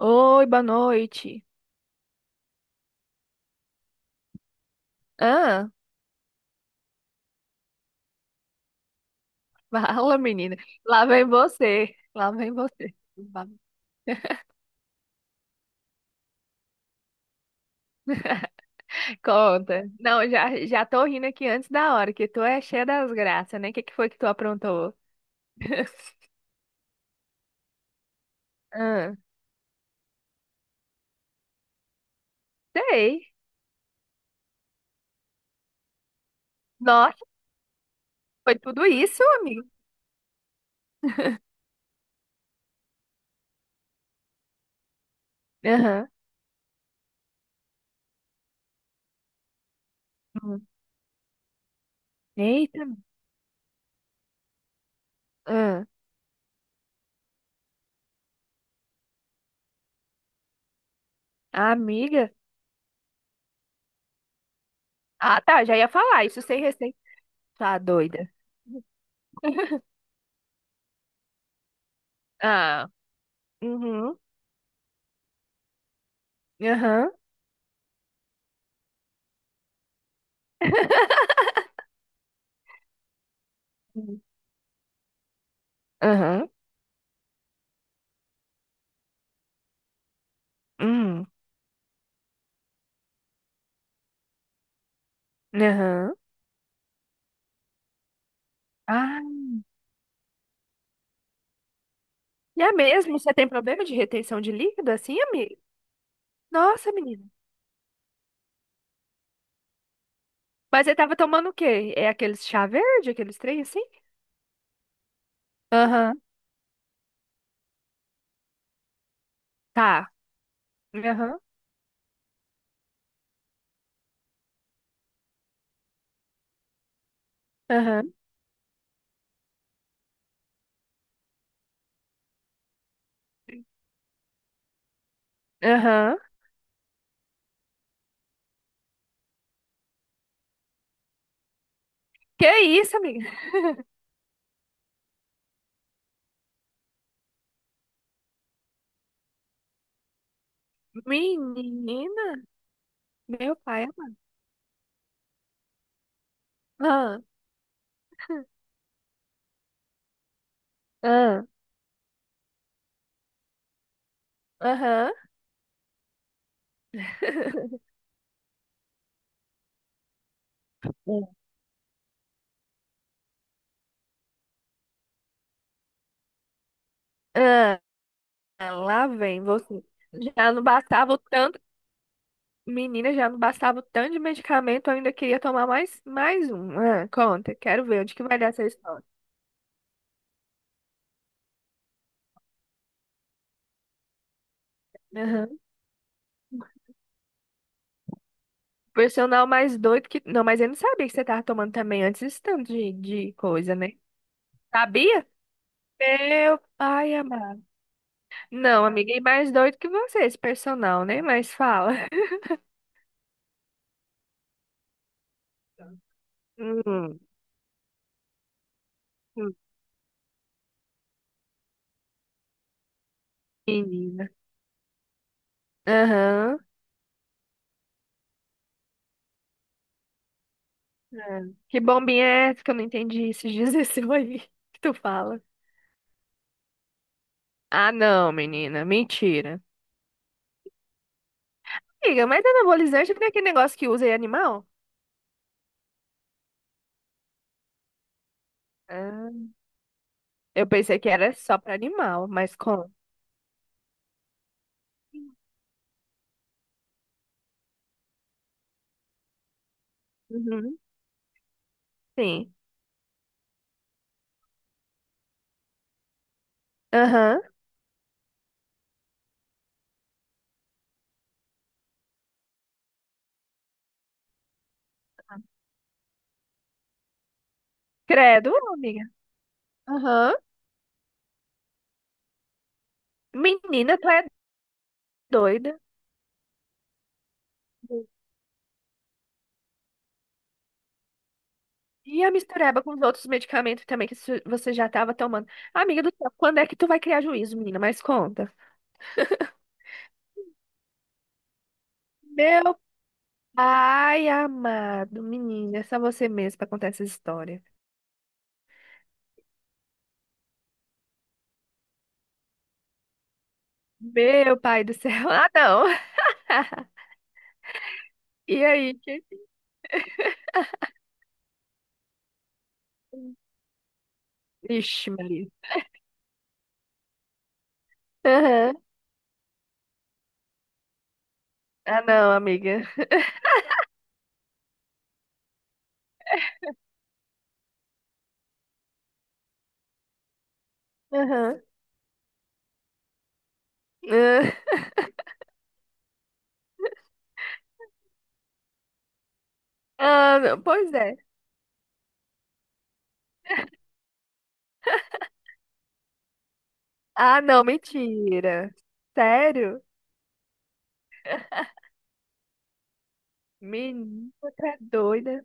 Oi, boa noite. Ah, fala, menina. Lá vem você. Lá vem você. Conta. Não, já tô rindo aqui antes da hora, que tu é cheia das graças, né? O que que foi que tu aprontou? Ah, sei. Nossa, foi tudo isso, amigo. Aham. Hum. Eita. Ah, amiga. Ah, tá, já ia falar isso sem receita. Tá doida. Ah, uhum, aham, uhum. Aham, uhum. Aham. Ah, e é mesmo? Você tem problema de retenção de líquido assim, amiga? Nossa, menina. Mas você tava tomando o quê? É aqueles chá verde, aqueles trem assim? Aham. Tá. Aham. Aham. Aham. Que isso, amiga? Menina? Meu pai amado. Ah. Ah. Aham. Ah, lá vem você. Já não bastava o tanto, menina, já não bastava o tanto de medicamento, eu ainda queria tomar mais um. Ah, conta, quero ver onde que vai dar essa história. Aham. Por mais doido que. Não, mas eu não sabia que você tava tomando também antes esse tanto de coisa, né? Sabia? Meu pai amado. Não, amiga, e mais doido que você, esse personal, né? Mas fala. Hum, hum, menina. Aham. Ah, que bombinha é essa que eu não entendi esses dias esse aí que tu fala? Ah, não, menina. Mentira. Amiga, mas anabolizante não é aquele negócio que usa em animal? Ah, eu pensei que era só pra animal, mas como? Uhum, sim. Aham. Credo, amiga. Aham. Menina, tu é doida. E a mistureba com os outros medicamentos também que você já estava tomando. Amiga do céu, quando é que tu vai criar juízo, menina? Mas conta. Meu pai amado, menina, é só você mesmo pra contar essa história. Meu pai do céu. Ah, não. E aí? Ixi, Maria. Aham. Ah, não, amiga. Aham. Ah, ah, não, pois é. Ah, não, mentira. Sério? Menina, tá doida.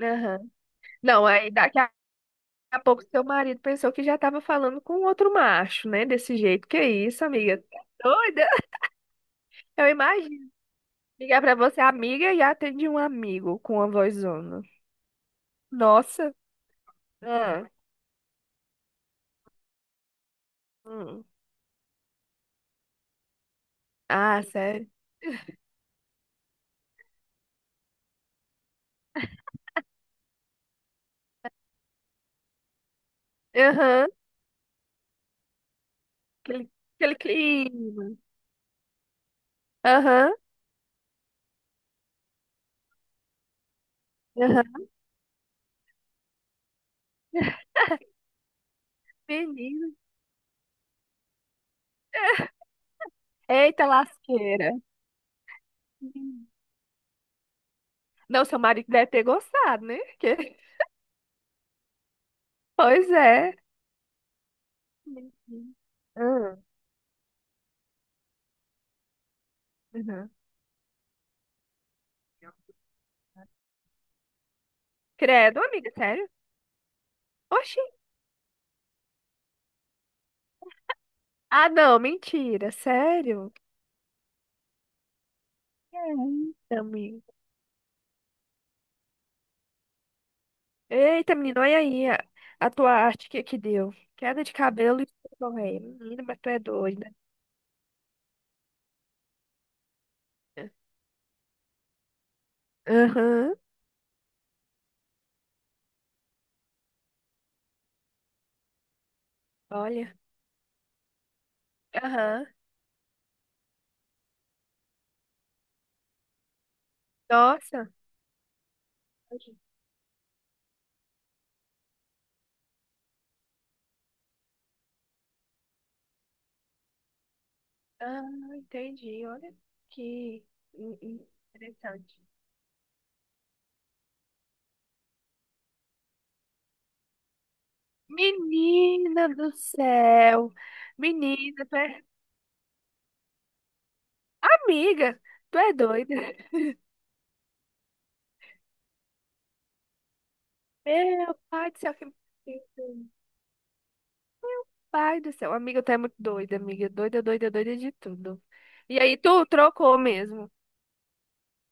Aham. Não, aí daqui a pouco seu marido pensou que já tava falando com outro macho, né? Desse jeito. Que isso, amiga? Tá doida? Eu imagino ligar pra você, amiga, e atende um amigo com uma vozona. Nossa. Ah, hum. Ah, sério? Aham. Aquele, aquele clima. Aham. Aham. Menina. Eita lasqueira. Não, seu marido deve ter gostado, né? Pois é. Mentira. Ah, uhum. Credo, amiga, sério? Oxi. Ah, não, mentira, sério? Eita, amiga. Eita, menino, olha aí a tua arte que deu. Queda de cabelo e correia. Menina, mas tu é doida. Aham, olha. Aham. Nossa. Ah, entendi, olha que in- in- interessante. Menina do céu. Menina, tu é... Amiga, tu é doida. Meu pai do céu, pai do céu. Amiga, tu é muito doida, amiga. Doida, doida, doida de tudo. E aí, tu trocou mesmo.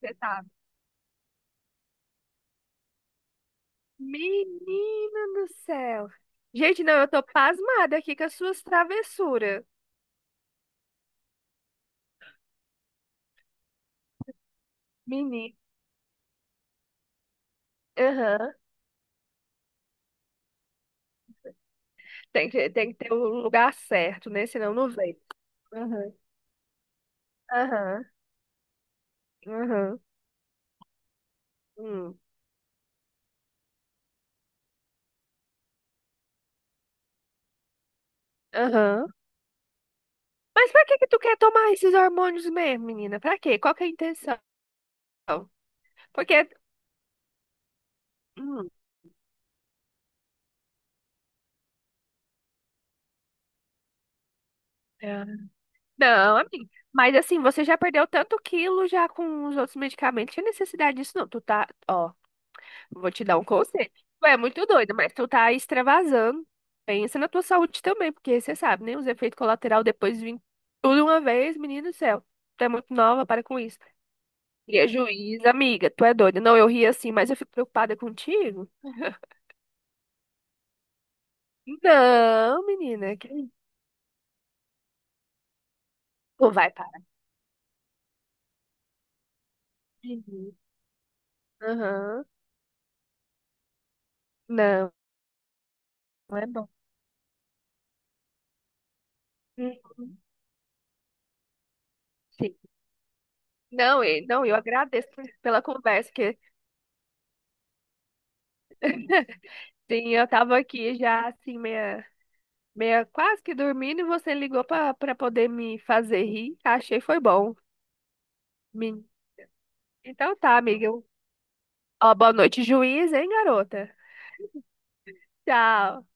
Você sabe. Menina do céu. Gente, não, eu tô pasmada aqui com as suas travessuras, menina. Aham. Tem que ter o lugar certo, né? Senão não vem. Aham. Aham. Aham. Hum. Aham. Mas pra que que tu quer tomar esses hormônios mesmo, menina? Pra quê? Qual que é a intenção? Porque... Hum. Não, amiga. Mas assim, você já perdeu tanto quilo já com os outros medicamentos. Tinha necessidade disso, não. Tu tá, ó, vou te dar um conselho. Tu é muito doida, mas tu tá extravasando. Pensa na tua saúde também, porque você sabe, né? Os efeitos colaterais depois vêm tudo uma vez, menino do céu. Tu é muito nova, para com isso. Prejuízo, amiga, tu é doida. Não, eu ri assim, mas eu fico preocupada contigo. Não, menina, tu vai parar. De Aham. Não, não é bom. Uhum. Sim. Não, não, eu agradeço pela conversa, que sim, eu tava aqui já assim, meia quase que dormindo, e você ligou pra poder me fazer rir. Achei foi bom. Me- Então tá, amiga. Ó, boa noite, juiz, hein, garota? Tchau.